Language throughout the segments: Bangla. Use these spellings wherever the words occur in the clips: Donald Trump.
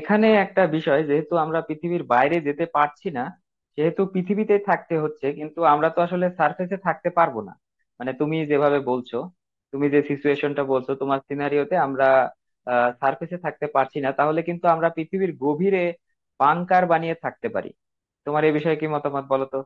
এখানে একটা বিষয়, যেহেতু আমরা পৃথিবীর বাইরে যেতে পারছি না সেহেতু পৃথিবীতে থাকতে হচ্ছে, কিন্তু আমরা তো আসলে সার্ফেসে থাকতে পারবো না। মানে তুমি যেভাবে বলছো, তুমি যে সিচুয়েশনটা বলছো তোমার সিনারিওতে আমরা সার্ফেসে থাকতে পারছি না, তাহলে কিন্তু আমরা পৃথিবীর গভীরে বাংকার বানিয়ে থাকতে পারি। তোমার এ বিষয়ে কি মতামত, বলো তো।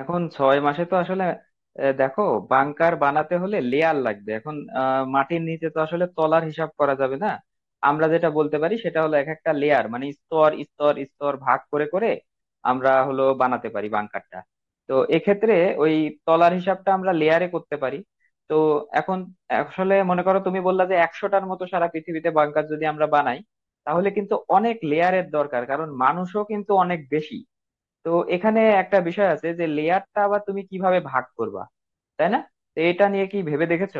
এখন 6 মাসে তো আসলে দেখো, বাংকার বানাতে হলে লেয়ার লাগবে। এখন মাটির নিচে তো আসলে তলার হিসাব করা যাবে না। আমরা যেটা বলতে পারি সেটা হলো এক একটা লেয়ার, মানে স্তর স্তর স্তর ভাগ করে করে আমরা হলো বানাতে পারি বাংকারটা। তো এক্ষেত্রে ওই তলার হিসাবটা আমরা লেয়ারে করতে পারি। তো এখন আসলে মনে করো তুমি বললা যে 100টার মতো সারা পৃথিবীতে বাংকার যদি আমরা বানাই, তাহলে কিন্তু অনেক লেয়ারের দরকার, কারণ মানুষও কিন্তু অনেক বেশি। তো এখানে একটা বিষয় আছে যে লেয়ারটা আবার তুমি কিভাবে ভাগ করবা, তাই না? তো এটা নিয়ে কি ভেবে দেখেছো?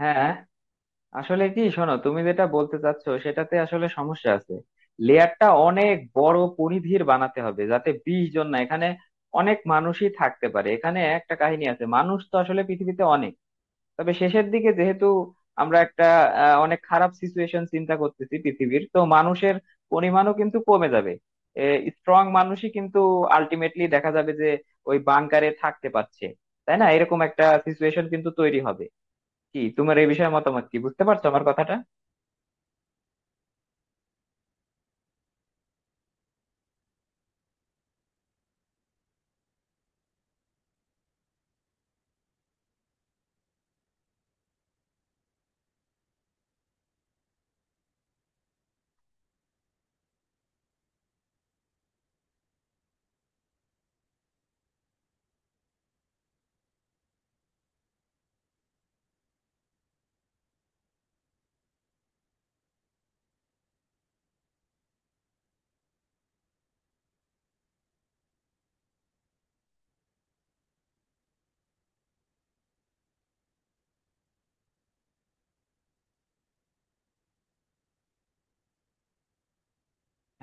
হ্যাঁ। আসলে কি শোনো, তুমি যেটা বলতে চাচ্ছো সেটাতে আসলে সমস্যা আছে। লেয়ারটা অনেক বড় পরিধির বানাতে হবে, যাতে 20 জন না, এখানে অনেক মানুষই থাকতে পারে। এখানে একটা কাহিনী আছে, মানুষ তো আসলে পৃথিবীতে অনেক। তবে শেষের দিকে যেহেতু আমরা একটা অনেক খারাপ সিচুয়েশন চিন্তা করতেছি, পৃথিবীর তো মানুষের পরিমাণও কিন্তু কমে যাবে। স্ট্রং মানুষই কিন্তু আলটিমেটলি দেখা যাবে যে ওই বাংকারে থাকতে পারছে, তাই না? এরকম একটা সিচুয়েশন কিন্তু তৈরি হবে। কি তোমার এই বিষয়ে মতামত? কি, বুঝতে পারছো আমার কথাটা?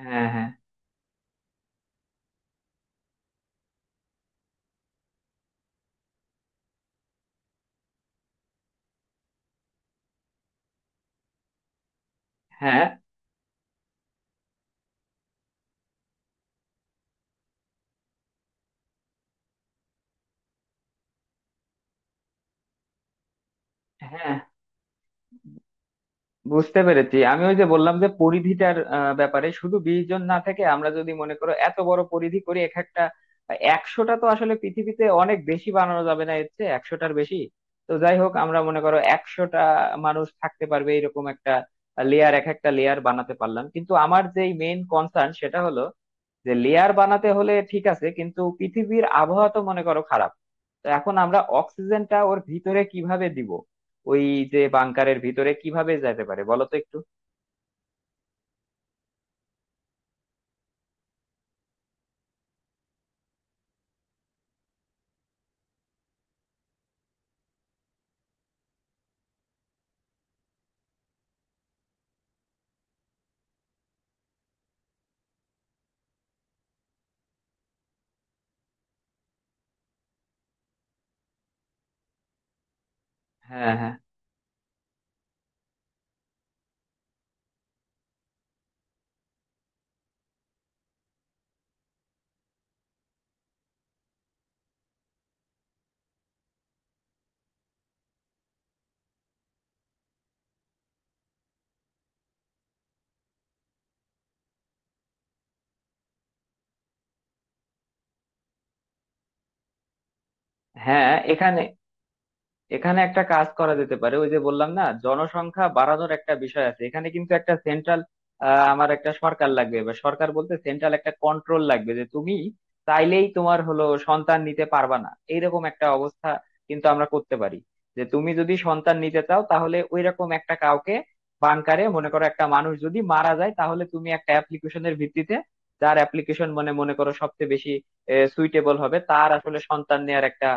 হ্যাঁ হ্যাঁ হ্যাঁ হ্যাঁ। বুঝতে পেরেছি আমি, ওই যে বললাম যে পরিধিটার ব্যাপারে, শুধু 20 জন না থেকে আমরা যদি মনে করো এত বড় পরিধি করি এক একটা। একশোটা তো আসলে পৃথিবীতে অনেক বেশি বানানো যাবে না, এর চেয়ে একশোটার বেশি। তো যাই হোক, আমরা মনে করো 100টা মানুষ থাকতে পারবে এরকম একটা লেয়ার, এক একটা লেয়ার বানাতে পারলাম, কিন্তু আমার যেই মেইন কনসার্ন সেটা হলো যে লেয়ার বানাতে হলে ঠিক আছে, কিন্তু পৃথিবীর আবহাওয়া তো মনে করো খারাপ। তো এখন আমরা অক্সিজেনটা ওর ভিতরে কিভাবে দিব? ওই যে বাংকারের ভিতরে কিভাবে যেতে পারে, বলো তো একটু। হ্যাঁ হ্যাঁ হ্যাঁ। এখানে এখানে একটা কাজ করা যেতে পারে, ওই যে বললাম না, জনসংখ্যা বাড়ানোর একটা বিষয় আছে, এখানে কিন্তু একটা সেন্ট্রাল আমার একটা সরকার লাগবে, বা সরকার বলতে সেন্ট্রাল একটা কন্ট্রোল লাগবে, যে তুমি চাইলেই তোমার হলো সন্তান নিতে পারবা না, এইরকম একটা অবস্থা কিন্তু আমরা করতে পারি। যে তুমি যদি সন্তান নিতে চাও তাহলে ওইরকম একটা কাউকে বানকারে, মনে করো একটা মানুষ যদি মারা যায় তাহলে তুমি একটা অ্যাপ্লিকেশনের ভিত্তিতে, যার অ্যাপ্লিকেশন মানে মনে করো সবচেয়ে বেশি সুইটেবল হবে, তার আসলে সন্তান নেয়ার একটা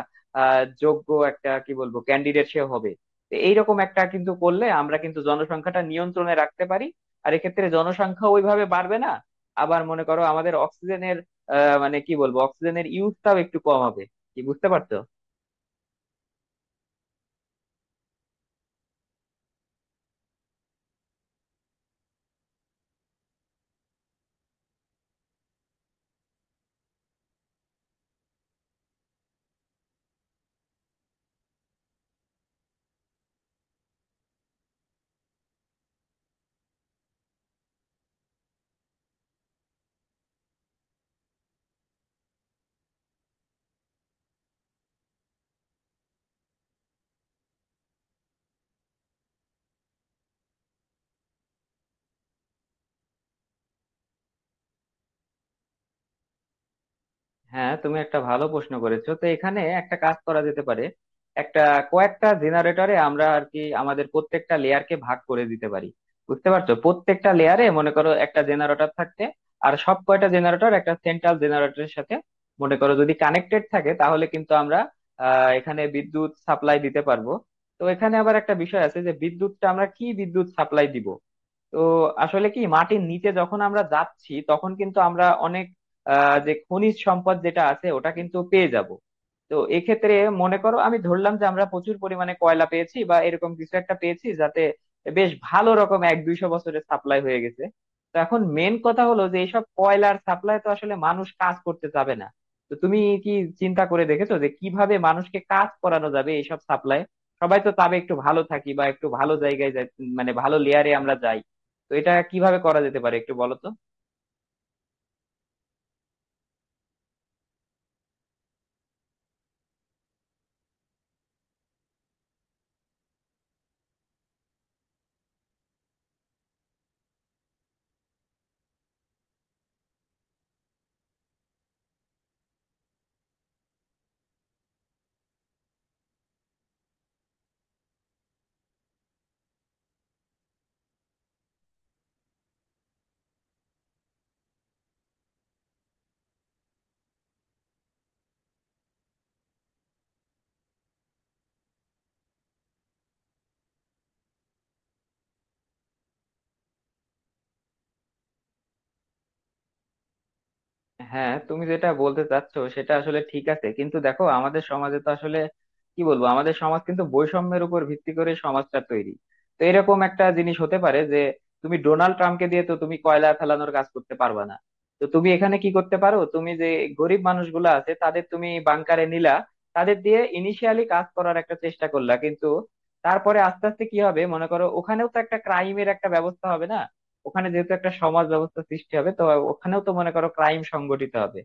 যোগ্য একটা কি বলবো ক্যান্ডিডেট সে হবে। তো এইরকম একটা কিন্তু করলে আমরা কিন্তু জনসংখ্যাটা নিয়ন্ত্রণে রাখতে পারি। আর এক্ষেত্রে জনসংখ্যা ওইভাবে বাড়বে না। আবার মনে করো আমাদের অক্সিজেনের মানে কি বলবো, অক্সিজেনের ইউজটাও একটু কম হবে। কি বুঝতে পারছো? হ্যাঁ। তুমি একটা ভালো প্রশ্ন করেছো, তো এখানে একটা কাজ করা যেতে পারে। একটা কয়েকটা জেনারেটরে আমরা আর কি আমাদের প্রত্যেকটা লেয়ারকে ভাগ করে দিতে পারি। বুঝতে পারছো? প্রত্যেকটা লেয়ারে মনে করো একটা জেনারেটর থাকতে, আর সব কয়টা জেনারেটর একটা সেন্ট্রাল জেনারেটরের সাথে মনে করো যদি কানেক্টেড থাকে, তাহলে কিন্তু আমরা এখানে বিদ্যুৎ সাপ্লাই দিতে পারবো। তো এখানে আবার একটা বিষয় আছে, যে বিদ্যুৎটা আমরা কি বিদ্যুৎ সাপ্লাই দিব। তো আসলে কি, মাটির নিচে যখন আমরা যাচ্ছি তখন কিন্তু আমরা অনেক যে খনিজ সম্পদ যেটা আছে ওটা কিন্তু পেয়ে যাব। তো এক্ষেত্রে মনে করো আমি ধরলাম যে আমরা প্রচুর পরিমাণে কয়লা পেয়েছি বা এরকম কিছু একটা পেয়েছি, যাতে বেশ ভালো রকম এক দুইশো বছরের সাপ্লাই হয়ে গেছে। তো এখন মেন কথা হলো যে এইসব কয়লার সাপ্লাই তো আসলে মানুষ কাজ করতে যাবে না। তো তুমি কি চিন্তা করে দেখেছো যে কিভাবে মানুষকে কাজ করানো যাবে এইসব সাপ্লাই? সবাই তো চাবে একটু ভালো থাকি বা একটু ভালো জায়গায় যাই, মানে ভালো লেয়ারে আমরা যাই। তো এটা কিভাবে করা যেতে পারে, একটু বলো তো। হ্যাঁ তুমি যেটা বলতে চাচ্ছো সেটা আসলে ঠিক আছে, কিন্তু দেখো আমাদের সমাজে তো আসলে কি বলবো, আমাদের সমাজ কিন্তু বৈষম্যের উপর ভিত্তি করে সমাজটা তৈরি। তো এরকম একটা জিনিস হতে পারে যে তুমি ডোনাল্ড ট্রাম্পকে দিয়ে তো তুমি কয়লা ফেলানোর কাজ করতে পারবা না। তো তুমি এখানে কি করতে পারো, তুমি যে গরিব মানুষগুলো আছে তাদের তুমি বাংকারে নিলা, তাদের দিয়ে ইনিশিয়ালি কাজ করার একটা চেষ্টা করলা। কিন্তু তারপরে আস্তে আস্তে কি হবে মনে করো, ওখানেও তো একটা ক্রাইমের একটা ব্যবস্থা হবে না? ওখানে যেহেতু একটা সমাজ ব্যবস্থা সৃষ্টি হবে, তো ওখানেও তো মনে করো ক্রাইম সংগঠিত হবে।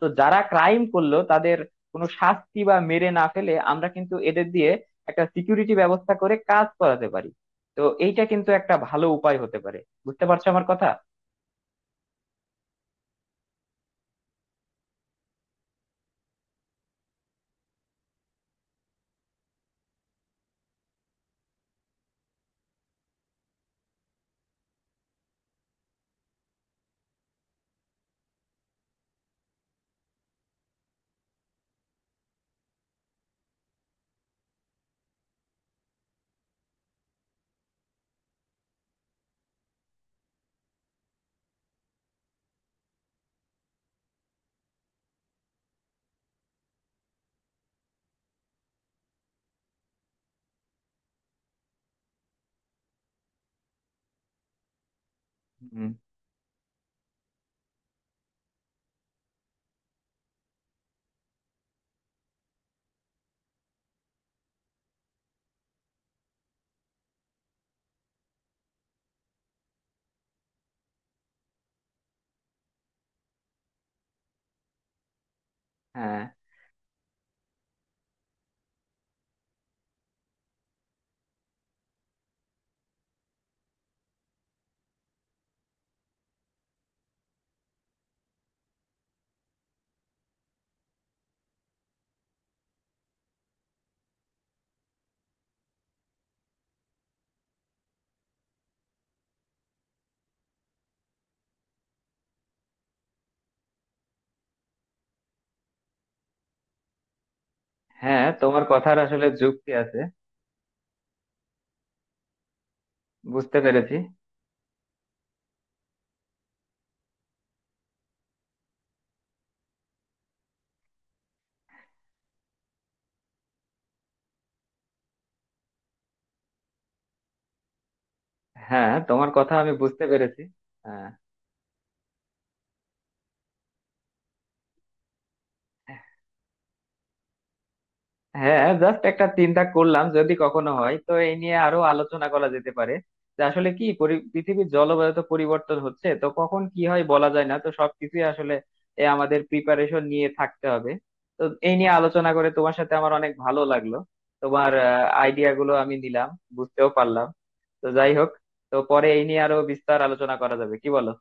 তো যারা ক্রাইম করলো তাদের কোনো শাস্তি বা মেরে না ফেলে আমরা কিন্তু এদের দিয়ে একটা সিকিউরিটি ব্যবস্থা করে কাজ করাতে পারি। তো এইটা কিন্তু একটা ভালো উপায় হতে পারে। বুঝতে পারছো আমার কথা? হুম, হ্যাঁ হ্যাঁ তোমার কথার আসলে যুক্তি আছে। বুঝতে পেরেছি। হ্যাঁ তোমার কথা আমি বুঝতে পেরেছি। হ্যাঁ। হ্যাঁ জাস্ট একটা চিন্তা করলাম, যদি কখনো হয় তো এই নিয়ে আরো আলোচনা করা যেতে পারে। যে আসলে কি, পৃথিবীর জলবায়ু তো পরিবর্তন হচ্ছে, তো কখন কি হয় বলা যায় না, তো সবকিছুই আসলে এ আমাদের প্রিপারেশন নিয়ে থাকতে হবে। তো এই নিয়ে আলোচনা করে তোমার সাথে আমার অনেক ভালো লাগলো। তোমার আইডিয়া গুলো আমি নিলাম, বুঝতেও পারলাম। তো যাই হোক, তো পরে এই নিয়ে আরো বিস্তার আলোচনা করা যাবে, কি বলো?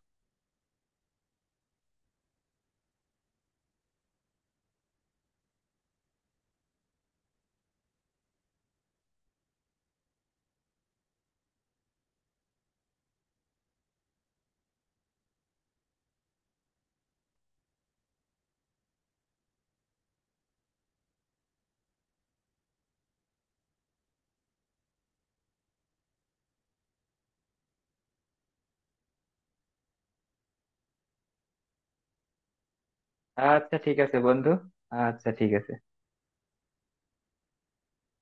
আচ্ছা ঠিক আছে বন্ধু। আচ্ছা ঠিক আছে।